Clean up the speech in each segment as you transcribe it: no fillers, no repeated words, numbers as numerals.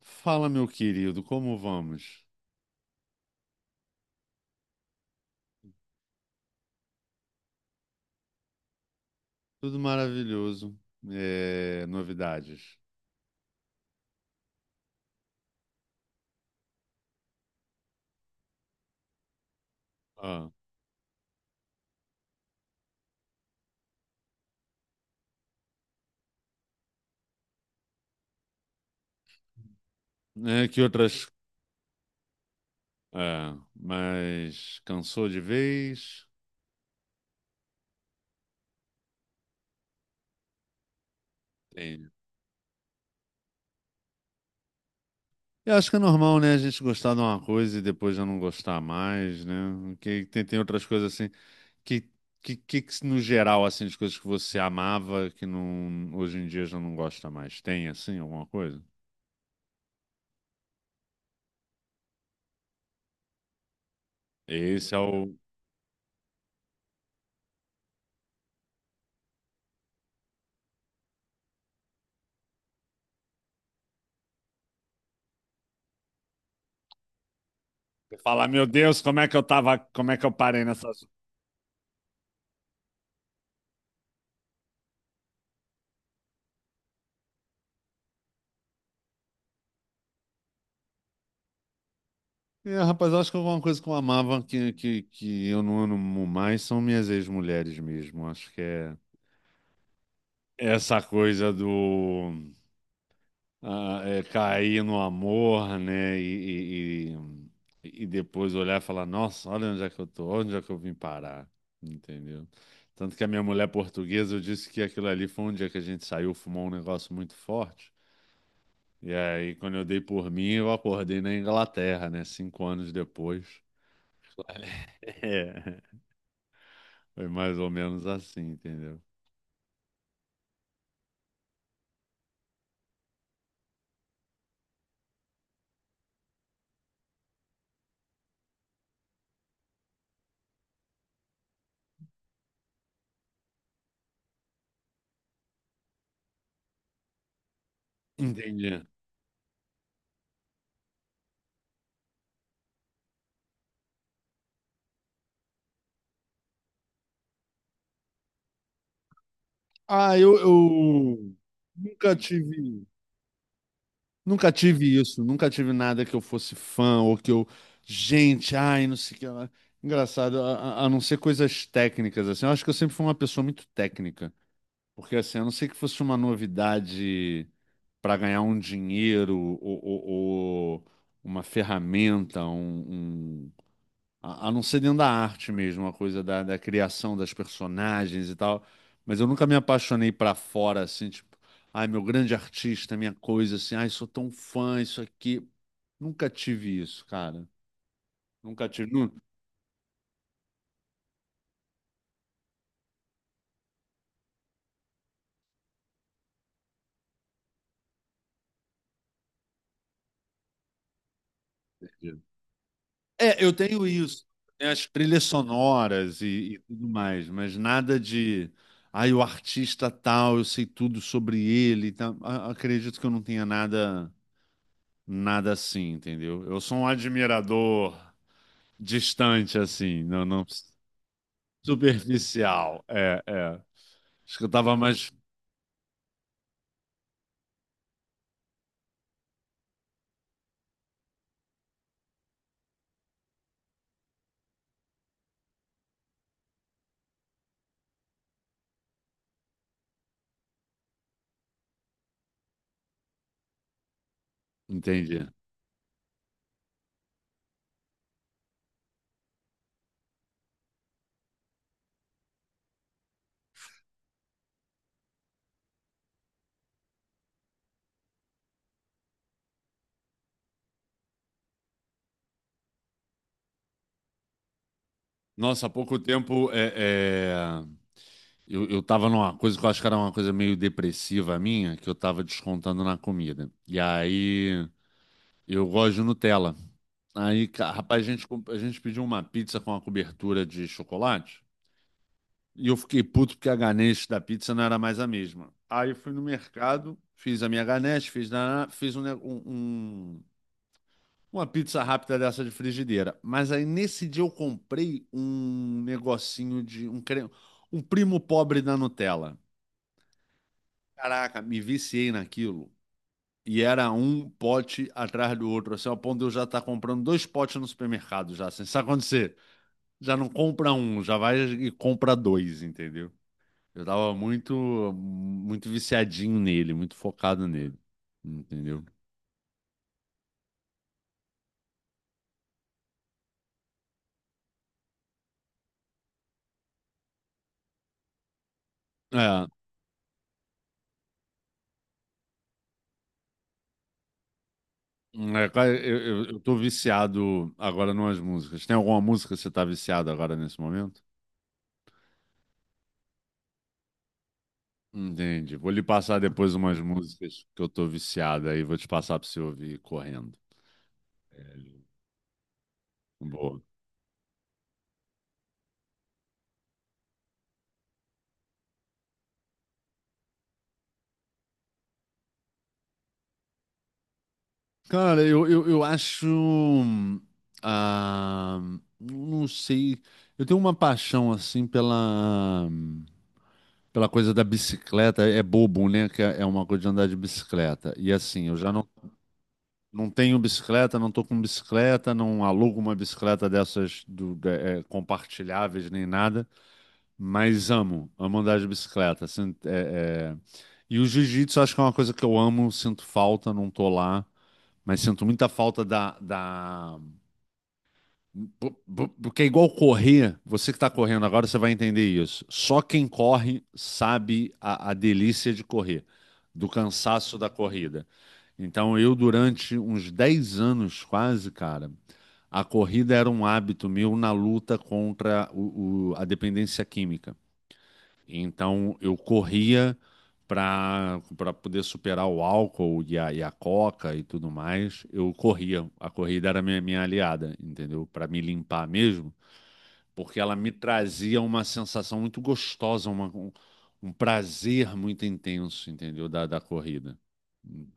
Fala, meu querido, como vamos? Tudo maravilhoso. É, novidades. Ah, que outras. É, mas cansou de vez? Tem. Eu acho que é normal, né? A gente gostar de uma coisa e depois já não gostar mais, né? Que tem, tem outras coisas assim. Que, que, no geral, assim, de coisas que você amava que não, hoje em dia já não gosta mais? Tem, assim, alguma coisa? Esse é o. Você fala, meu Deus, como é que eu tava, como é que eu parei nessa. É, rapaz, eu acho que alguma coisa que eu amava que eu não amo mais são minhas ex-mulheres mesmo. Acho que é essa coisa do cair no amor, né? E depois olhar e falar, nossa, olha onde é que eu tô, onde é que eu vim parar, entendeu? Tanto que a minha mulher portuguesa, eu disse que aquilo ali foi um dia que a gente saiu, fumou um negócio muito forte. E aí, quando eu dei por mim, eu acordei na Inglaterra, né? 5 anos depois. Foi mais ou menos assim, entendeu? Entendi. Ah, eu nunca tive, nunca tive isso, nunca tive nada que eu fosse fã ou que eu, gente, ai, não sei o que lá. Engraçado, a não ser coisas técnicas, assim, eu acho que eu sempre fui uma pessoa muito técnica, porque assim, a não ser que fosse uma novidade para ganhar um dinheiro ou, ou uma ferramenta, um. A não ser dentro da arte mesmo, uma coisa da, da criação das personagens e tal. Mas eu nunca me apaixonei pra fora, assim, tipo, ai, meu grande artista, minha coisa, assim, ai, sou tão fã, isso aqui. Nunca tive isso, cara. Nunca tive. É, eu tenho isso. Tem as trilhas sonoras e tudo mais, mas nada de. Ai, o artista tal, eu sei tudo sobre ele. E tal. Acredito que eu não tenha nada, nada assim, entendeu? Eu sou um admirador distante, assim, não superficial. É, é. Acho que eu tava mais. Entendi. Nossa, há pouco tempo eu tava numa coisa que eu acho que era uma coisa meio depressiva minha, que eu tava descontando na comida. E aí eu gosto de Nutella. Aí, rapaz, a gente, a gente pediu uma pizza com uma cobertura de chocolate. E eu fiquei puto porque a ganache da pizza não era mais a mesma. Aí eu fui no mercado, fiz a minha ganache, fiz, na, fiz um, um. Uma pizza rápida dessa de frigideira. Mas aí nesse dia eu comprei um negocinho de um creme, um primo pobre da Nutella. Caraca, me viciei naquilo. E era um pote atrás do outro, assim, ao ponto de eu já estar comprando dois potes no supermercado já, assim. Sabe quando você já não compra um, já vai e compra dois, entendeu? Eu tava muito, muito viciadinho nele, muito focado nele, entendeu? É, hum, é, cara, eu tô viciado agora numas músicas. Tem alguma música que você tá viciado agora nesse momento? Entendi. Vou lhe passar depois umas músicas que eu tô viciado aí, vou te passar pra você ouvir correndo. Boa. Cara, eu acho. Ah, não sei. Eu tenho uma paixão assim pela, pela coisa da bicicleta. É bobo, né? Que é uma coisa de andar de bicicleta. E assim, eu já não. Não tenho bicicleta, não tô com bicicleta, não alugo uma bicicleta dessas compartilháveis nem nada, mas amo, amo andar de bicicleta. Assim, é, é. E o jiu-jitsu acho que é uma coisa que eu amo, sinto falta, não tô lá, mas sinto muita falta da, da porque é igual correr, você que está correndo agora, você vai entender isso. Só quem corre sabe a delícia de correr, do cansaço da corrida. Então, eu, durante uns 10 anos quase, cara, a corrida era um hábito meu na luta contra a dependência química. Então eu corria para poder superar o álcool e a coca e tudo mais. Eu corria. A corrida era minha, minha aliada, entendeu? Para me limpar mesmo, porque ela me trazia uma sensação muito gostosa, uma, um prazer muito intenso, entendeu? Da, da corrida. Hum,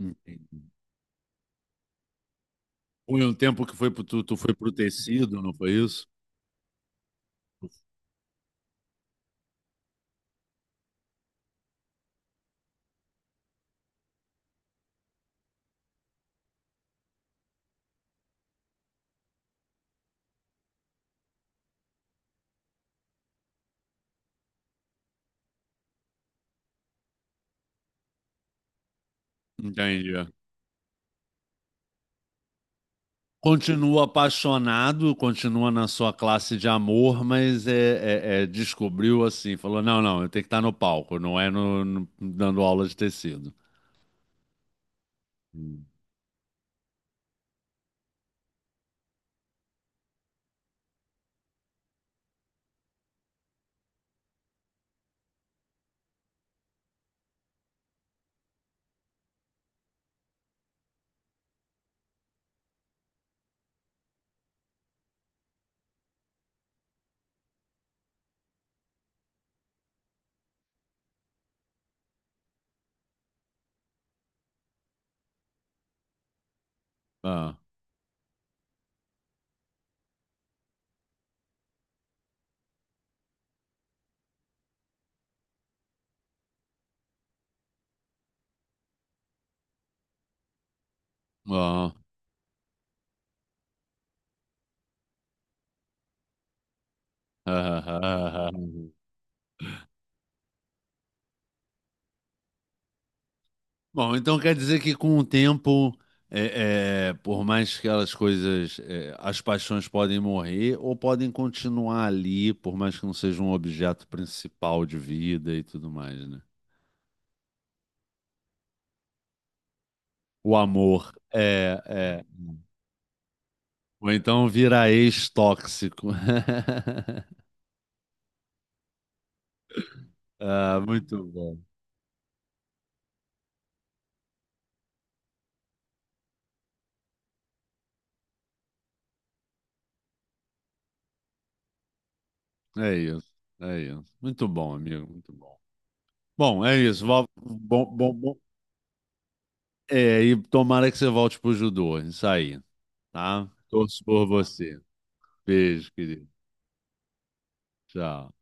Entendi. Foi um tempo que foi pro, tu foi pro tecido, não foi isso? Entendi. É. Continua apaixonado, continua na sua classe de amor, mas é, descobriu assim, falou, não, não, eu tenho que estar no palco, não é no, dando aula de tecido. Hum. Ah, ah, ah, ah, ah. Ah. Bom, então quer dizer que com o tempo, é, é, por mais que aquelas coisas, é, as paixões podem morrer ou podem continuar ali, por mais que não seja um objeto principal de vida e tudo mais, né? O amor é, é. Ou então vira ex-tóxico. Ah, muito bom. É isso, é isso. Muito bom, amigo, muito bom. Bom, é isso. Bom, bom, bom. É, e tomara que você volte pro judô, isso aí, tá? Torço por você. Beijo, querido. Tchau.